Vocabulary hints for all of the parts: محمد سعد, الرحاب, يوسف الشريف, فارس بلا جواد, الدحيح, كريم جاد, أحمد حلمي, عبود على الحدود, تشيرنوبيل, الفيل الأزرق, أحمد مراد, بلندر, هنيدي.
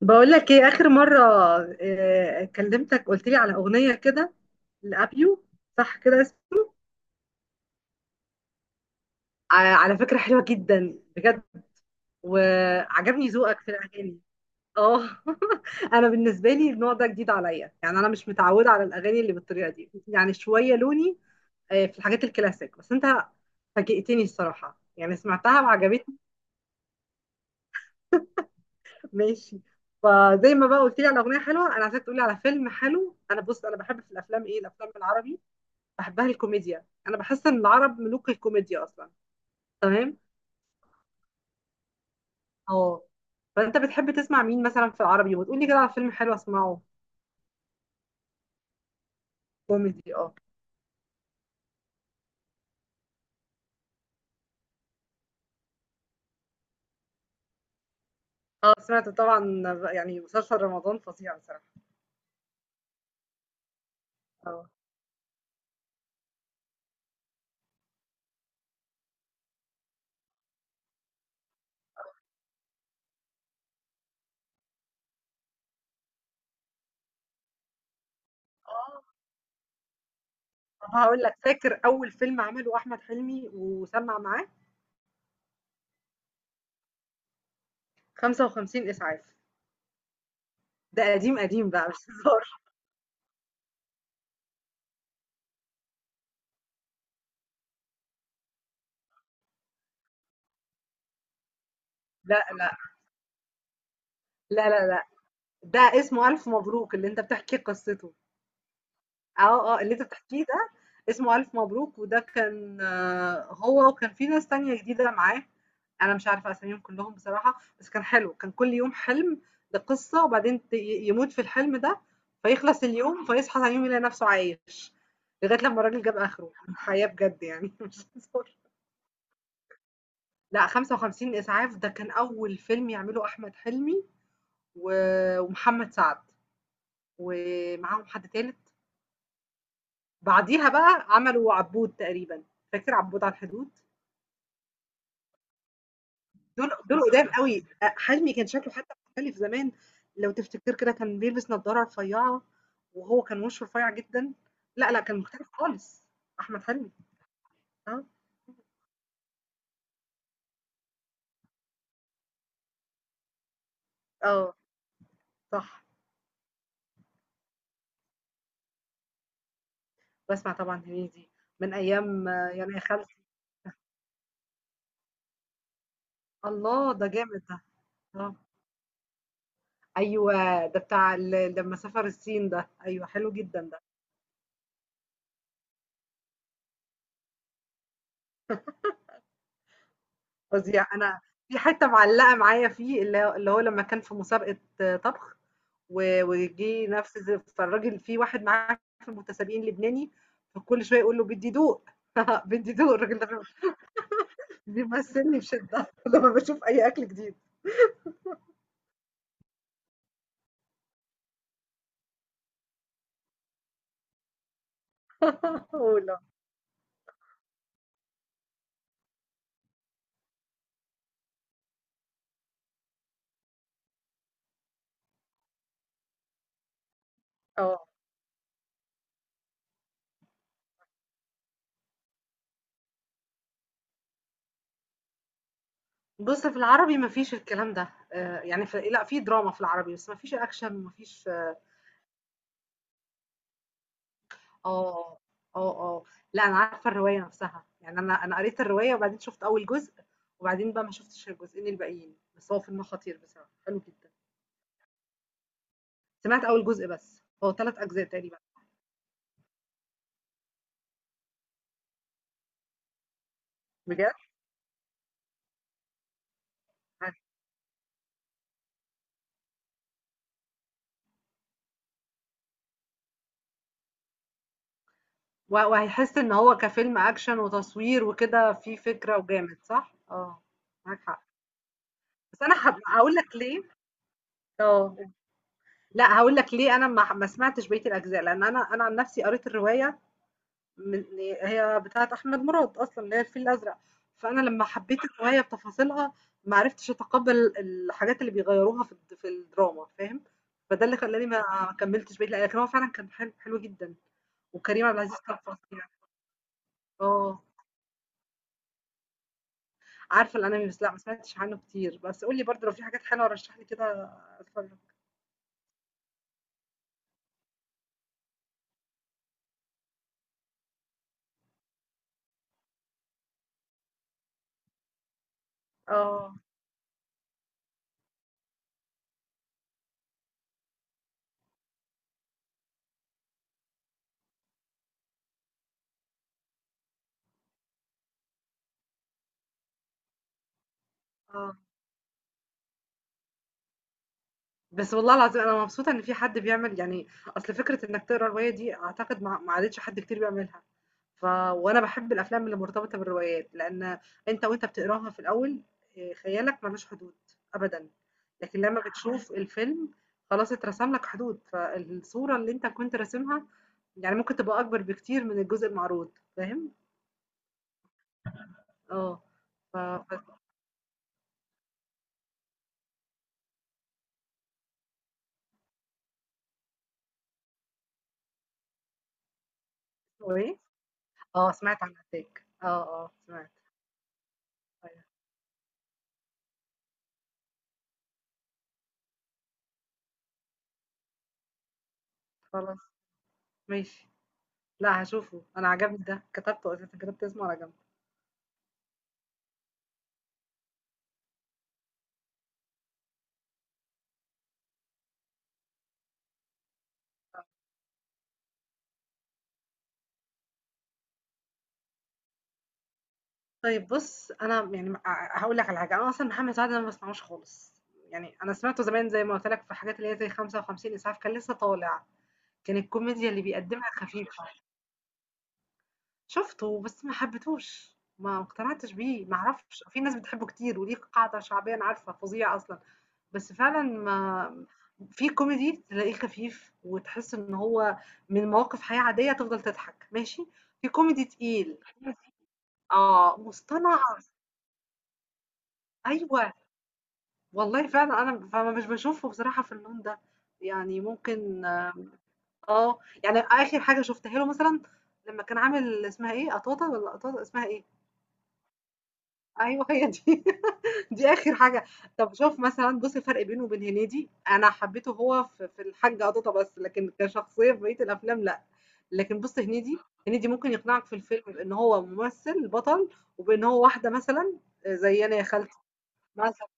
بقول لك ايه اخر مره. آه، كلمتك قلت لي على اغنيه كده، لابيو. صح كده اسمه. على فكره حلوه جدا بجد، وعجبني ذوقك في الاغاني. اه انا بالنسبه لي النوع ده جديد عليا، يعني انا مش متعوده على الاغاني اللي بالطريقه دي، يعني شويه لوني. في الحاجات الكلاسيك، بس انت فاجئتني الصراحه، يعني سمعتها وعجبتني. ماشي. فزي ما بقى قلت لي على اغنيه حلوه، انا عايزاك تقولي على فيلم حلو. انا بص، انا بحب في الافلام ايه؟ الافلام العربي بحبها الكوميديا، انا بحس ان العرب ملوك الكوميديا اصلا. تمام. اه. فانت بتحب تسمع مين مثلا في العربي؟ وتقولي كده على فيلم حلو اسمعه. كوميدي اه. اه، سمعت طبعا، يعني مسلسل رمضان فظيع بصراحه. اه، اه. طب هقول لك، فاكر اول فيلم عمله احمد حلمي وسمع معاه؟ 55 اسعاف. ده قديم قديم بقى، مش هزار. لا لا. لا لا لا، ده اسمه الف مبروك اللي انت بتحكي قصته. آه، آه، اللي أنت بتحكيه ده اسمه ألف مبروك، وده كان، هو وكان في ناس تانية جديدة معاه، أنا مش عارفة أساميهم كلّهم بصراحة، بس كان حلو، كان كل يوم حلم بقصة وبعدين ت ي يموت في الحلم ده، فيخلص اليوم، فيصحى تاني يوم يلاقي نفسه عايش، لغاية لمّا الراجل جاب آخره، حياة بجد يعني مش هزار. لأ، 55 إسعاف ده كان أول فيلم يعمله أحمد حلمي، و ومحمد سعد، ومعاهم حد تالت. بعديها بقى عملوا عبود تقريبًا، فاكر عبود على الحدود؟ دول دول قدام أوي، حجمي كان شكله حتى مختلف زمان، لو تفتكر كده كان بيلبس نضارة رفيعة، وهو كان وشه رفيع جدًا. لأ، لأ، كان مختلف خالص، أحمد حلمي. آه، آه، صح. باسمع طبعًا هنيدي من أيام يانا يا خالتي. الله! ده جامد ده. آه، أيوه، ده بتاع ال لمّا سافر الصين ده، أيوه، حلو جدًا ده. فظيع. أنا في حتّة معلّقة معايا فيه، اللي هو لمّا كان في مسابقة طبخ، وجِه نفس فالراجل في واحد معاه في المتسابقين لبناني، فكل شوية يقول له: "بدّي دوق، بدّي دوق." الراجل ده بيمثّلني بشِدّة لمّا باشوف أي أكل جديد. والله. آه. بُص، في العربي ما فيش الكلام ده، يعني ف لأ، في دراما في العربي، بس ما فيش action وما فيش. آه، آه، آه، لأ أنا عارفة الرواية نفْسها، يعني أنا قريت الرواية وبعدين شُفت أول جزء، وبعدين بقى ما شُفتش الجزئين الباقيين، بس هو فيلم خطير بصراحة، حلو جدًا. سمعت أول جزء بس، هو 3 أجزاء تقريبًا. بجد؟ ه و وهيحس إن هو كفيلم أكشن وتصوير وكده فيه فكرة وجامد، صح؟ آه، معاك حق، بس أنا هاقول لك ليه. آه، قُل. لأ هاقول لك ليه أنا ما سمعتش بقية الأجزاء، لأن أنا عن نفْسي قريت الرواية من، هي بتاعة أحمد مراد أصلًا، اللي هي الفيل الأزرق. فأنا لمّا حبيت الرواية بتفاصيلها ما عرفتش أتقبّل الحاجات اللي بيغيّروها في الدراما، فاهم؟ فده اللي خلّاني ما كمّلتش بقية، لكن هو فعلًا كان حلو، حلو جدًا، وكريم عبد العزيز كان فظيع. آه، عارفة الأنمي، بس لأ ما سمعتش عنه كتير، بس قُل لي برضه لو في حاجات حلوة رشّح لي كده أتفرّج. آه، آه. بس والله العظيم أنا مبسوطة إن في حد بيعمل يعني. أصل فكرة إنك تقرا رواية دي أعتقد ما عادتش حد كتير بيعملها. ف، وأنا باحب الأفلام اللي مرتبطة بالروايات، لأن أنت بتقراها في الأول، آه، خيالك ملوش حدود أبدا. لكن لما بتشوف الفيلم خلاص اترسم لك حدود، فالصورة اللي أنت كنت راسمها يعني ممكن تبقى أكبر بكتير من الجزء المعروض، فاهم؟ اه. ف ف- اسمه إيه؟ اه سمعت عن أتاك، اه، اه سمعت. أيوة. خلاص. ماشي. لأ هاشوفه، أنا عجبني ده، كتبته أساسًا، كتبت اسمه على جنب. طيب بُص، أنا يعني هاقول لك على حاجة، أنا أصلًا محمد سعد أنا ما باسمعوش خالص، يعني أنا سمعته زمان زي ما قُلت لك في حاجات اللي هي زي 55 إسعاف، كان لسه طالع، كان الكوميديا اللي بيقدمها خفيفة. شُفته بس ما حبيتهوش، ما اقتنعتش بيه، ما أعرفش، في ناس بتحبه كتير وليه قاعدة شعبية أنا عارفة، فظيع أصلًا، بس فعلًا ما. في كوميدي تلاقيه خفيف وتحس إن هو من مواقف حياة عادية تفضل تضحك، ماشي. في كوميدي تقيل، آه، مصطنع. أيوه، والله فعلًا أنا فما مش باشوفه بصراحة في اللون ده، يعني ممكن. آه، يعني آخر حاجة شُفتها له مثلًا لمّا كان عامل اسمها إيه، قطاطة والّا قطاطة اسمها إيه؟ أيوه هي دي، دي آخر حاجة. طب شوف مثلًا، بُص الفرق بينه وبين هنيدي، أنا حبيته هو في الحاج قطاطة بس، لكن كشخصية في بقية الأفلام لأ. لكن بُص هنيدي، هنيدي ممكن يقنعك في الفيلم بإن هو ممثل بطل، وبإن هو واحدة مثلًا آه، زي أنا يا خالتي مثلًا.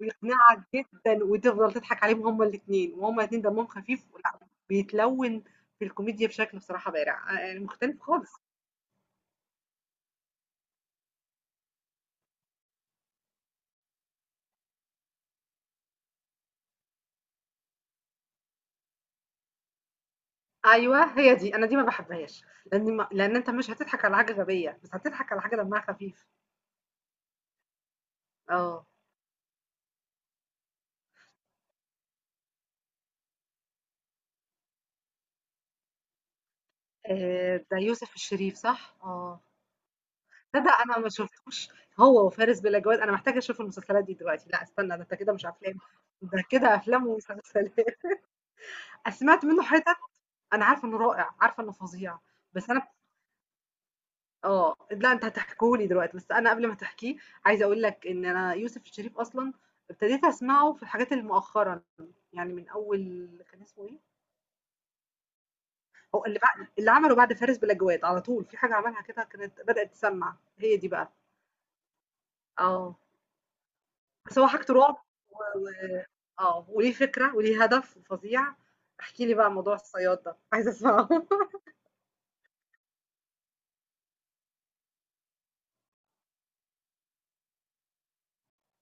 ويقنعك جدًا وتفضل تضحك عليهم هُم الاتنين، وهُم الاتنين دمهم خفيف ولأ بيتلوّن في الكوميديا بشكل بصراحة بارع، يعني مختلف خالص. أيوه هي دي، أنا دي ما باحبهاش، لإن أنت مش هتضحك على حاجة غبية، بس هتضحك على حاجة دمها خفيف. آه، ده يوسف الشريف، صح؟ آه، تصدق أنا ما شفتوش هو وفارس بِلا جواد، أنا محتاجة أشوف المسلسلات دي دلوقتي. لأ استنى، ده أنت كده مش أفلام، ده كده أفلام ومسلسلات. أنا سمعت منه حتت، أنا عارفة إنه رائع، عارفة إنه فظيع، بس أنا. آه، لأ أنت هتحكيه لي دلوقتي، بس أنا قبل ما تحكيه عايزة أقول لك إن أنا يوسف الشريف أصلًا ابتديت أسمعه في الحاجات اللي مؤخرًا، يعني من أول، كان اسمه إيه؟ هو اللي عمله بعد فارس بلا جواد، على طول في حاجة عملها كده كانت بدأت تسمّع، هي دي بقى. آه، بس هو حاجته رعب، و آه، وليه فكرة وليه هدف فظيع. احكِ لي بقى موضوع الصياد ده، عايزة أسمعه.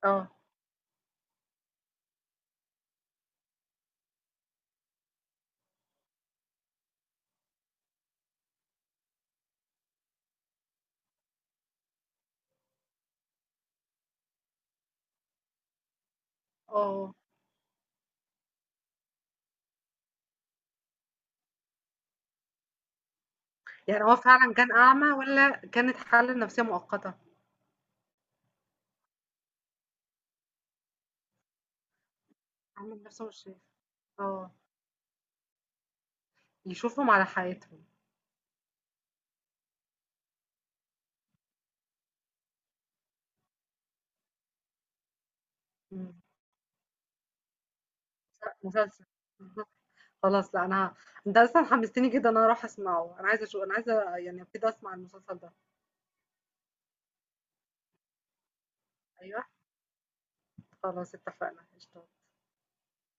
آه، آه، يعني هو فعلًا كان أعمى والّا كانت حالة نفسية مؤقتة؟ عامل نفسه مش شايف، آه. يشوفهم على حقيقتهم. إمم، مسلسل بالضبط، خلاص لأ أنا. أنت أصلًا حمستني جدًا إن أنا أروح أسمعه، أنا عايزة يعني أبتدي أسمع المسلسل ده. أيوه، خلاص اتفقنا، قشطة.